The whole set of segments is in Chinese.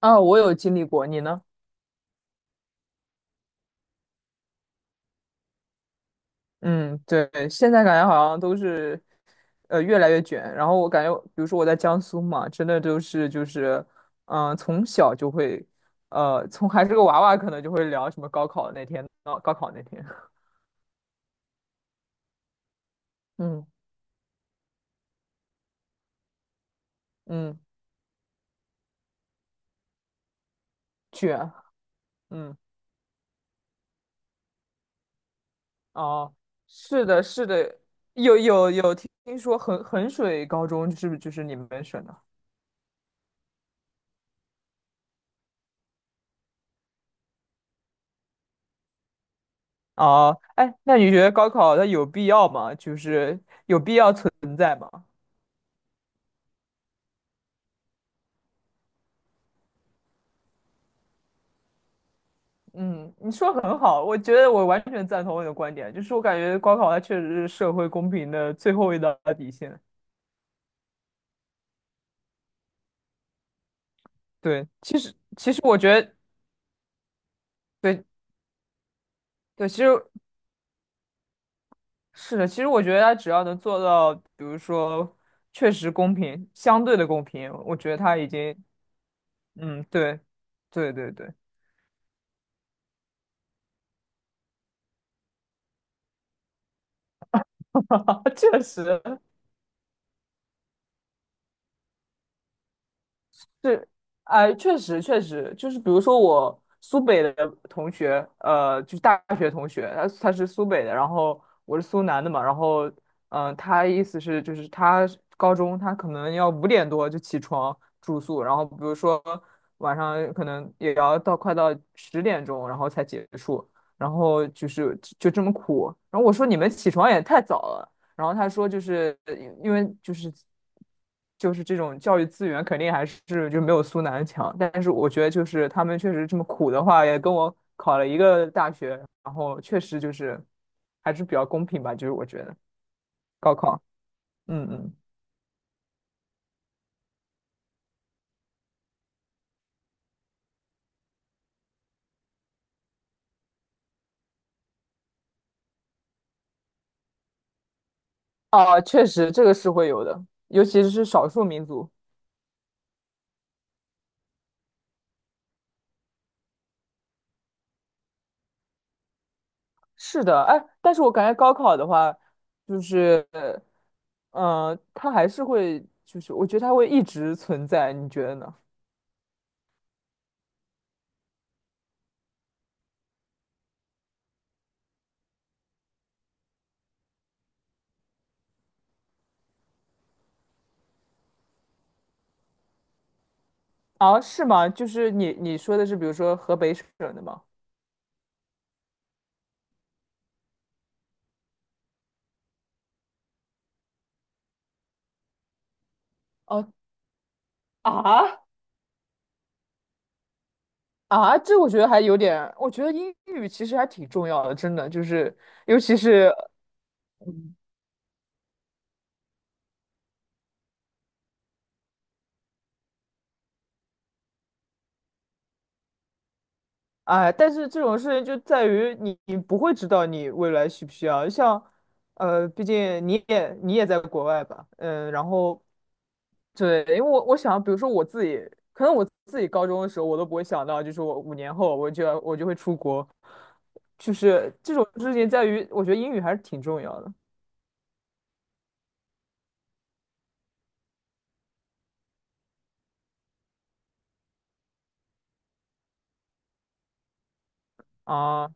啊，我有经历过，你呢？嗯，对，现在感觉好像都是，越来越卷。然后我感觉，比如说我在江苏嘛，真的都是就是，从小就会，从还是个娃娃，可能就会聊什么高考那天，嗯嗯，卷，嗯，哦，是的，是的，有听说衡水高中是不是就是你们省的？哦，哎，那你觉得高考它有必要吗？就是有必要存在吗？嗯，你说得很好，我觉得我完全赞同你的观点，就是我感觉高考它确实是社会公平的最后一道底线。对，其实我觉得，对对，其实是的，其实我觉得它只要能做到，比如说确实公平，相对的公平，我觉得它已经，嗯，对，对对对，确实，是，哎，确实确实，就是比如说我苏北的同学，就是大学同学，他是苏北的，然后我是苏南的嘛，然后，他意思是就是他是高中他可能要5点多就起床住宿，然后比如说晚上可能也要到快到10点钟，然后才结束，然后就是就这么苦，然后我说你们起床也太早了，然后他说，就是因为就是这种教育资源肯定还是就没有苏南强，但是我觉得就是他们确实这么苦的话，也跟我考了一个大学，然后确实就是还是比较公平吧，就是我觉得高考，嗯嗯，啊，确实这个是会有的，尤其是少数民族，是的，哎，但是我感觉高考的话，就是它还是会就是我觉得它会一直存在，你觉得呢？啊，是吗？就是你说的是，比如说河北省的吗？哦，啊，啊，这我觉得还有点，我觉得英语其实还挺重要的，真的，就是尤其是，嗯，哎，但是这种事情就在于你不会知道你未来需不需要，像，毕竟你也在国外吧，嗯，然后。对，因为我想，比如说我自己，可能我自己高中的时候，我都不会想到，就是我5年后我就会出国，就是这种事情在于，我觉得英语还是挺重要的啊。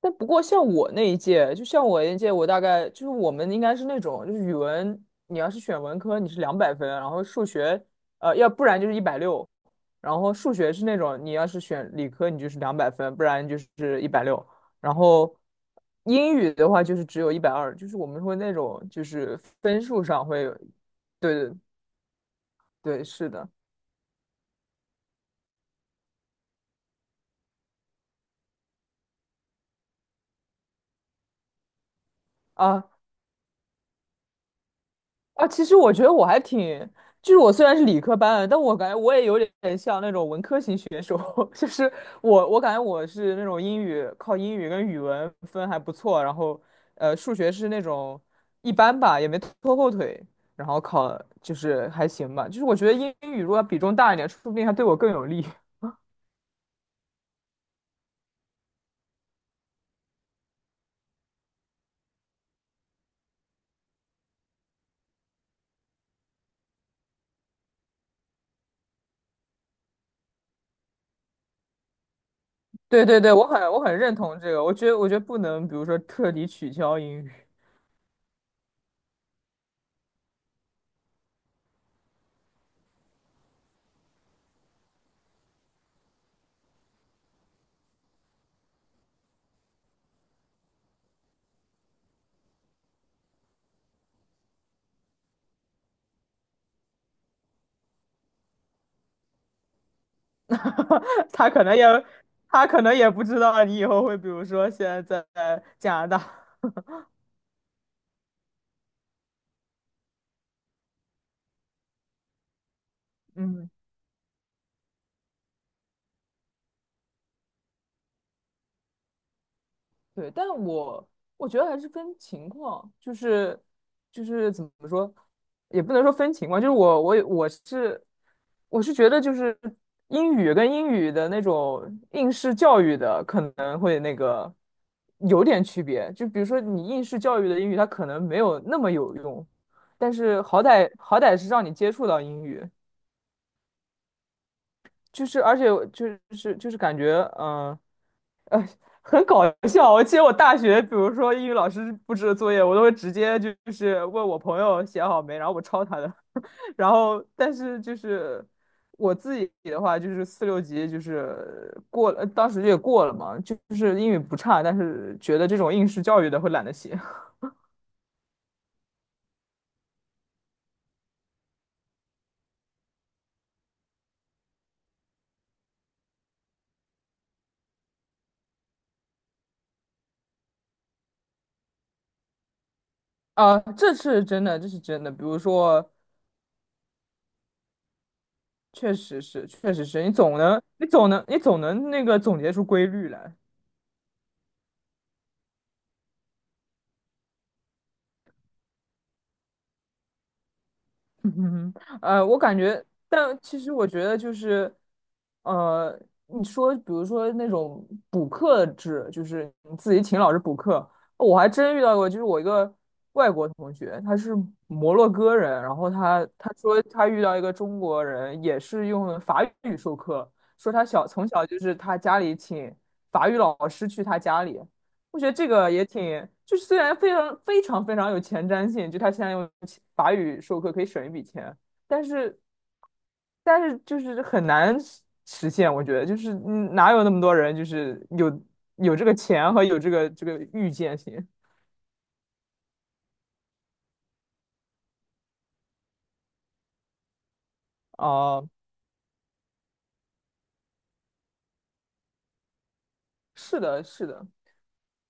但不过像我那一届，就像我那一届，我大概就是我们应该是那种，就是语文你要是选文科，你是两百分，然后数学，要不然就是一百六，然后数学是那种你要是选理科，你就是两百分，不然就是一百六，然后英语的话就是只有120，就是我们会那种就是分数上会有，对对对，是的，啊，啊，其实我觉得我还挺，就是我虽然是理科班的但我感觉我也有点像那种文科型选手，就是我感觉我是那种靠英语跟语文分还不错，然后数学是那种一般吧，也没拖后腿，然后考就是还行吧，就是我觉得英语如果比重大一点，说不定还对我更有利。对对对，我很认同这个，我觉得不能比如说彻底取消英语。他可能也他可能也不知道你以后会，比如说现在在加拿大，嗯，对，但我觉得还是分情况，就是就是怎么说，也不能说分情况，就是我是觉得就是英语跟英语的那种应试教育的可能会那个有点区别，就比如说你应试教育的英语它可能没有那么有用，但是好歹好歹是让你接触到英语，就是而且就是就是感觉很搞笑。我记得我大学，比如说英语老师布置的作业，我都会直接就是问我朋友写好没，然后我抄他的。然后但是就是我自己的话，就是四六级就是过了，当时也过了嘛，就是英语不差，但是觉得这种应试教育的会懒得写。啊，这是真的，这是真的。比如说，确实是，确实是你总能那个总结出规律来。嗯哼，嗯，我感觉，但其实我觉得就是，呃，你说，比如说那种补课制，就是你自己请老师补课，我还真遇到过，就是我一个外国同学，他是摩洛哥人，然后他说他遇到一个中国人，也是用法语授课，说他小从小就是他家里请法语老师去他家里，我觉得这个也挺，就是虽然非常非常非常有前瞻性，就他现在用其法语授课可以省一笔钱，但是但是就是很难实现，我觉得就是嗯哪有那么多人就是有这个钱和有这个预见性啊，是的，是的，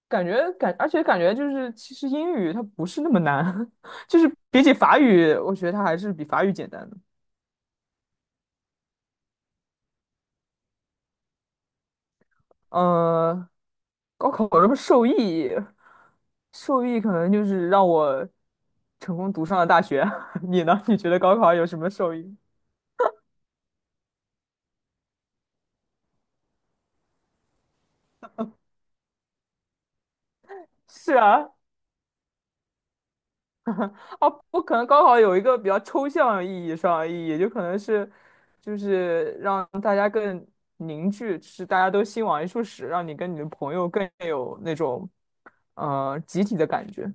感觉感而且感觉就是其实英语它不是那么难，就是比起法语，我觉得它还是比法语简单的。呃，高考什么受益？受益可能就是让我成功读上了大学。你呢？你觉得高考有什么受益？是啊，哦，不可能，高考有一个比较抽象意义上的意义，就可能是就是让大家更凝聚，是大家都心往一处使，让你跟你的朋友更有那种集体的感觉。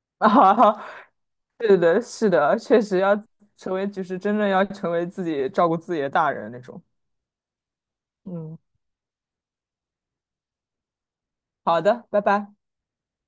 啊，对对对，是的，确实要成为就是真正要成为自己照顾自己的大人那种。嗯，好的，拜拜。